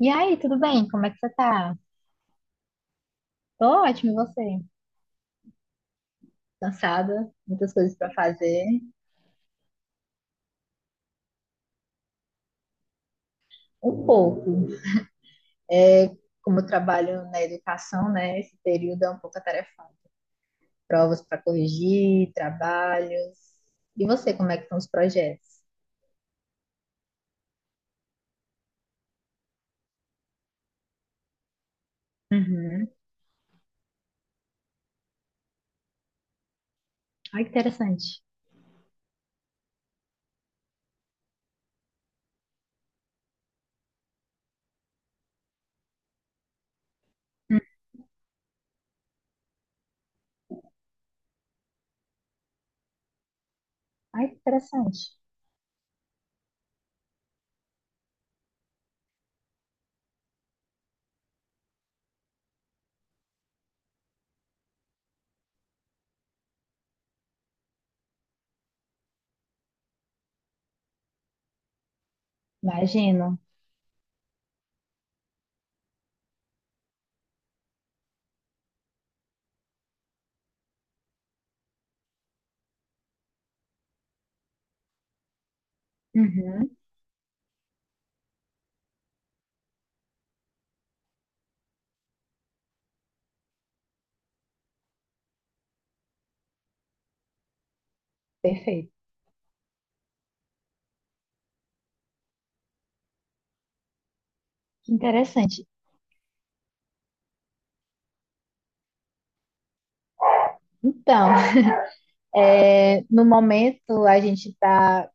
E aí, tudo bem? Como é que você tá? Tô ótimo, e você? Cansada, muitas coisas para fazer, um pouco. É, como eu trabalho na educação, né? Esse período é um pouco atarefado. Provas para corrigir, trabalhos. E você, como é que estão os projetos? Uhum. Ai, que interessante. Hum. Ai, que interessante. Imagino. Uhum. Perfeito. Que interessante. Então, no momento a gente está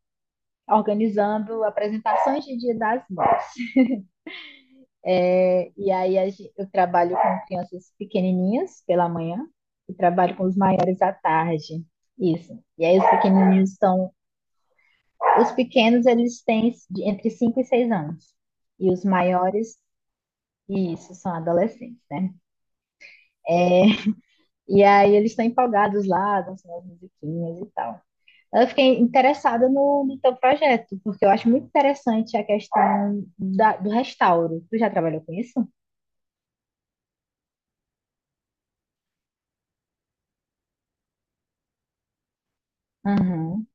organizando apresentações de Dia das Mães. É, e aí eu trabalho com crianças pequenininhas pela manhã e trabalho com os maiores à tarde. Isso. E aí os pequenos eles têm entre 5 e 6 anos. E os maiores, isso, são adolescentes, né? E aí eles estão empolgados lá, dançando as musiquinhas e tal. Eu fiquei interessada no teu projeto, porque eu acho muito interessante a questão do restauro. Tu já trabalhou com isso? Uhum.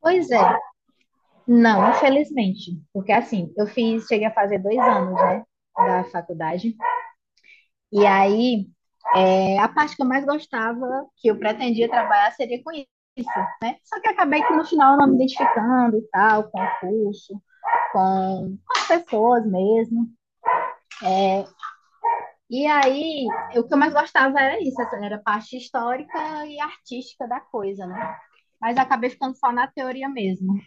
Pois é. Não, infelizmente. Porque assim, eu fiz, cheguei a fazer 2 anos, né, da faculdade. E aí, a parte que eu mais gostava, que eu pretendia trabalhar, seria com isso, né? Só que acabei que no final eu não me identificando e tal, com o curso, com, as pessoas mesmo. E aí, o que eu mais gostava era isso, essa era a parte histórica e artística da coisa, né? Mas acabei ficando só na teoria mesmo.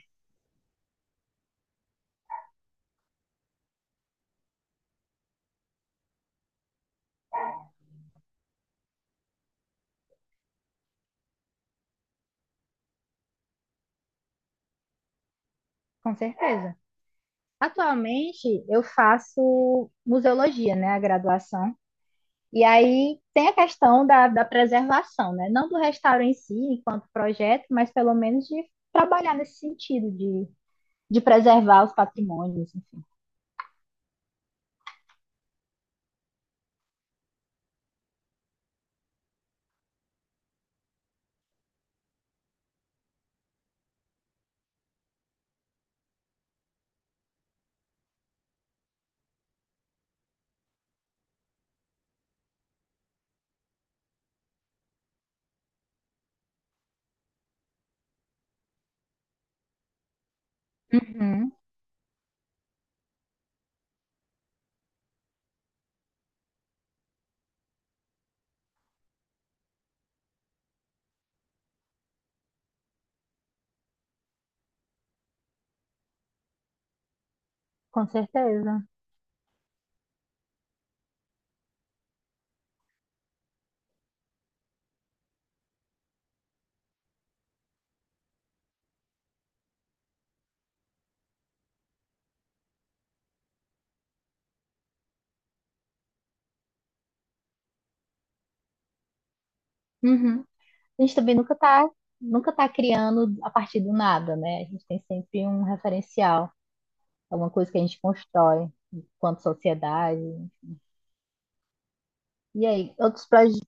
Com certeza. Atualmente eu faço museologia, né, a graduação. E aí tem a questão da preservação, né? Não do restauro em si, enquanto projeto, mas pelo menos de trabalhar nesse sentido de preservar os patrimônios, enfim. Uhum, com certeza. Uhum. A gente também nunca tá criando a partir do nada, né? A gente tem sempre um referencial, alguma coisa que a gente constrói enquanto sociedade. E aí, outros projetos,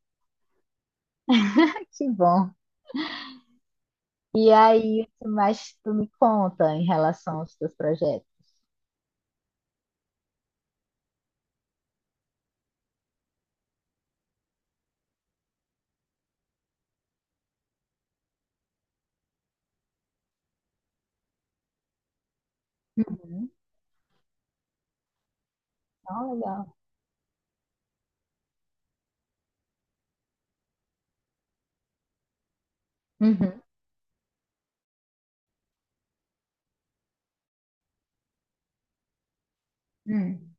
que bom. E aí, o que mais tu me conta em relação aos teus projetos? Uhum. Ah, legal. Uhum. Hum.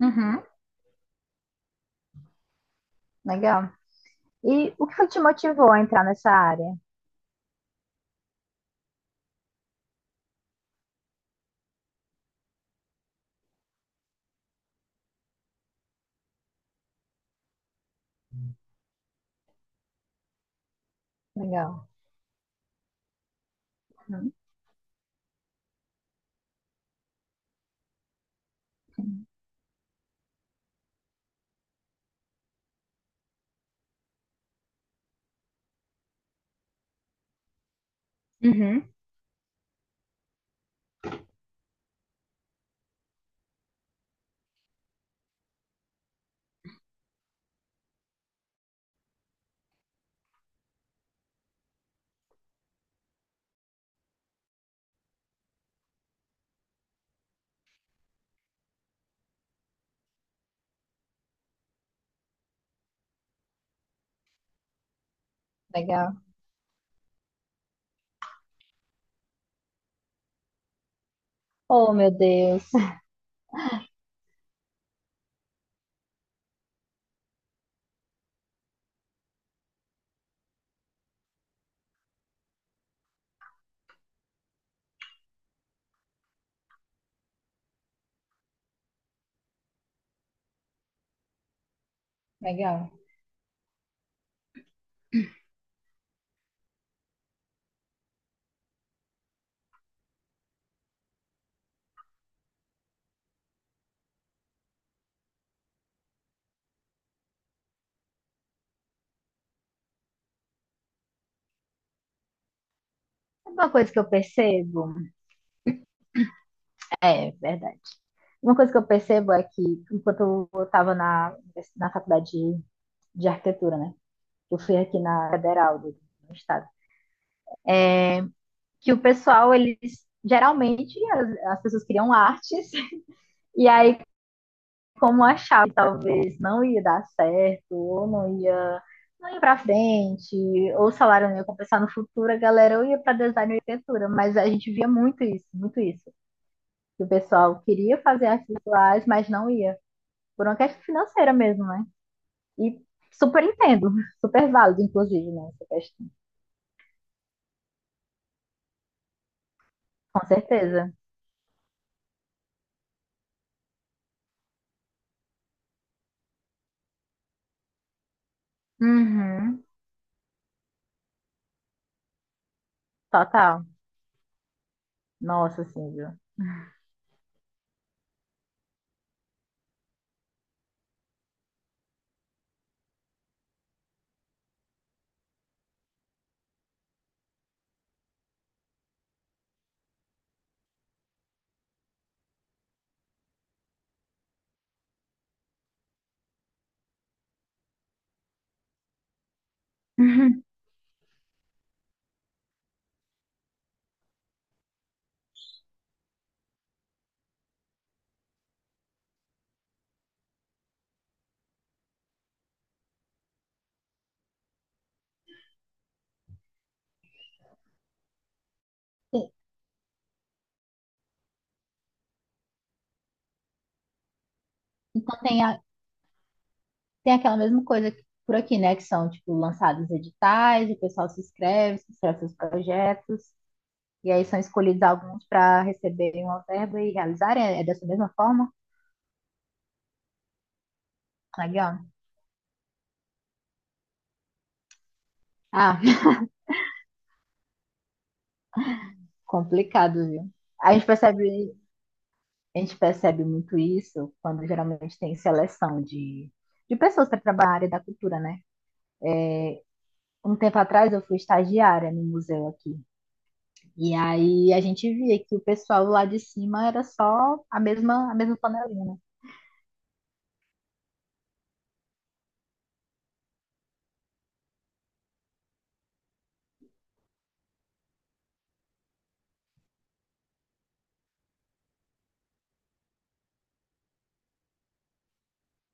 Uhum. Legal. E o que foi que te motivou a entrar nessa área? Legal. Uhum. Uhum. Legal. Oh, meu Deus. Legal. Uma coisa que eu percebo, é verdade. Uma coisa que eu percebo é que, enquanto eu estava na faculdade de arquitetura, né? Eu fui aqui na Federal do estado. Que o pessoal, eles geralmente as pessoas criam artes, e aí, como achava que talvez não ia dar certo, ou não ia para frente, ou o salário não ia compensar no futuro, a galera ou ia para design e arquitetura, mas a gente via muito isso, muito isso. Que o pessoal queria fazer artes visuais, mas não ia, por uma questão financeira mesmo, né? E super entendo, super válido, inclusive, né, essa questão. Com certeza. Uhum, total. Nossa, sim Silvia. Então tem aquela mesma coisa por aqui, né? Que são, tipo, lançados editais, o pessoal se inscreve seus projetos, e aí são escolhidos alguns para receberem uma verba e realizarem. É dessa mesma forma? Legal. Ah, complicado, viu? A gente percebe, a gente percebe muito isso quando geralmente tem seleção de pessoas para trabalhar na área da cultura, né? Um tempo atrás eu fui estagiária no museu aqui. E aí a gente via que o pessoal lá de cima era só a mesma panelinha.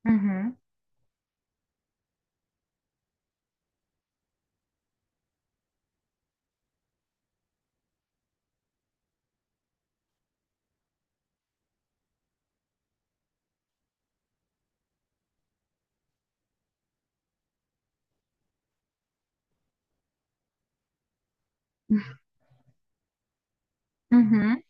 Uhum. Uhum.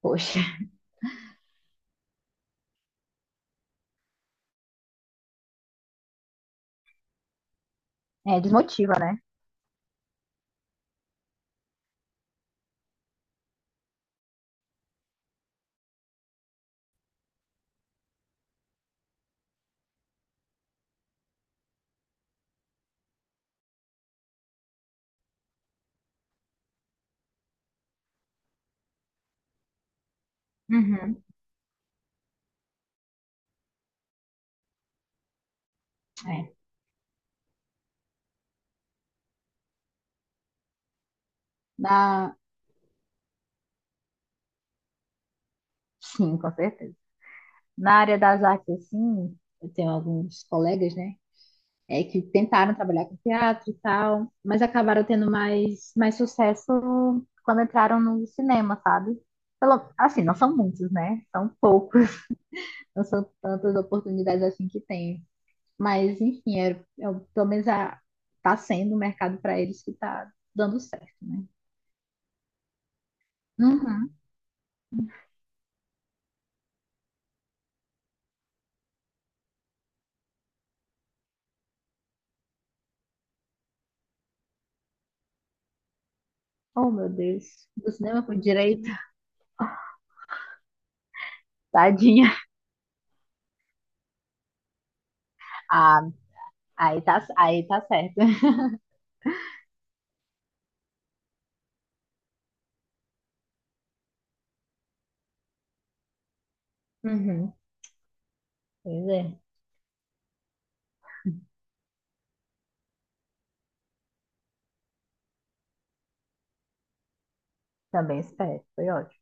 Poxa, é, desmotiva, né? Uhum. É. Na... Sim, com certeza. Na área das artes, assim, eu tenho alguns colegas, né? Que tentaram trabalhar com teatro e tal, mas acabaram tendo mais sucesso quando entraram no cinema, sabe? Assim, não são muitos, né? São poucos. Não são tantas oportunidades assim que tem. Mas, enfim, pelo menos tá sendo o mercado para eles que tá dando certo, né? Uhum. Oh, meu Deus. Do cinema por direito. Tadinha. Ah, aí tá certo. Uhum. Pois é. Também espero. Foi ótimo.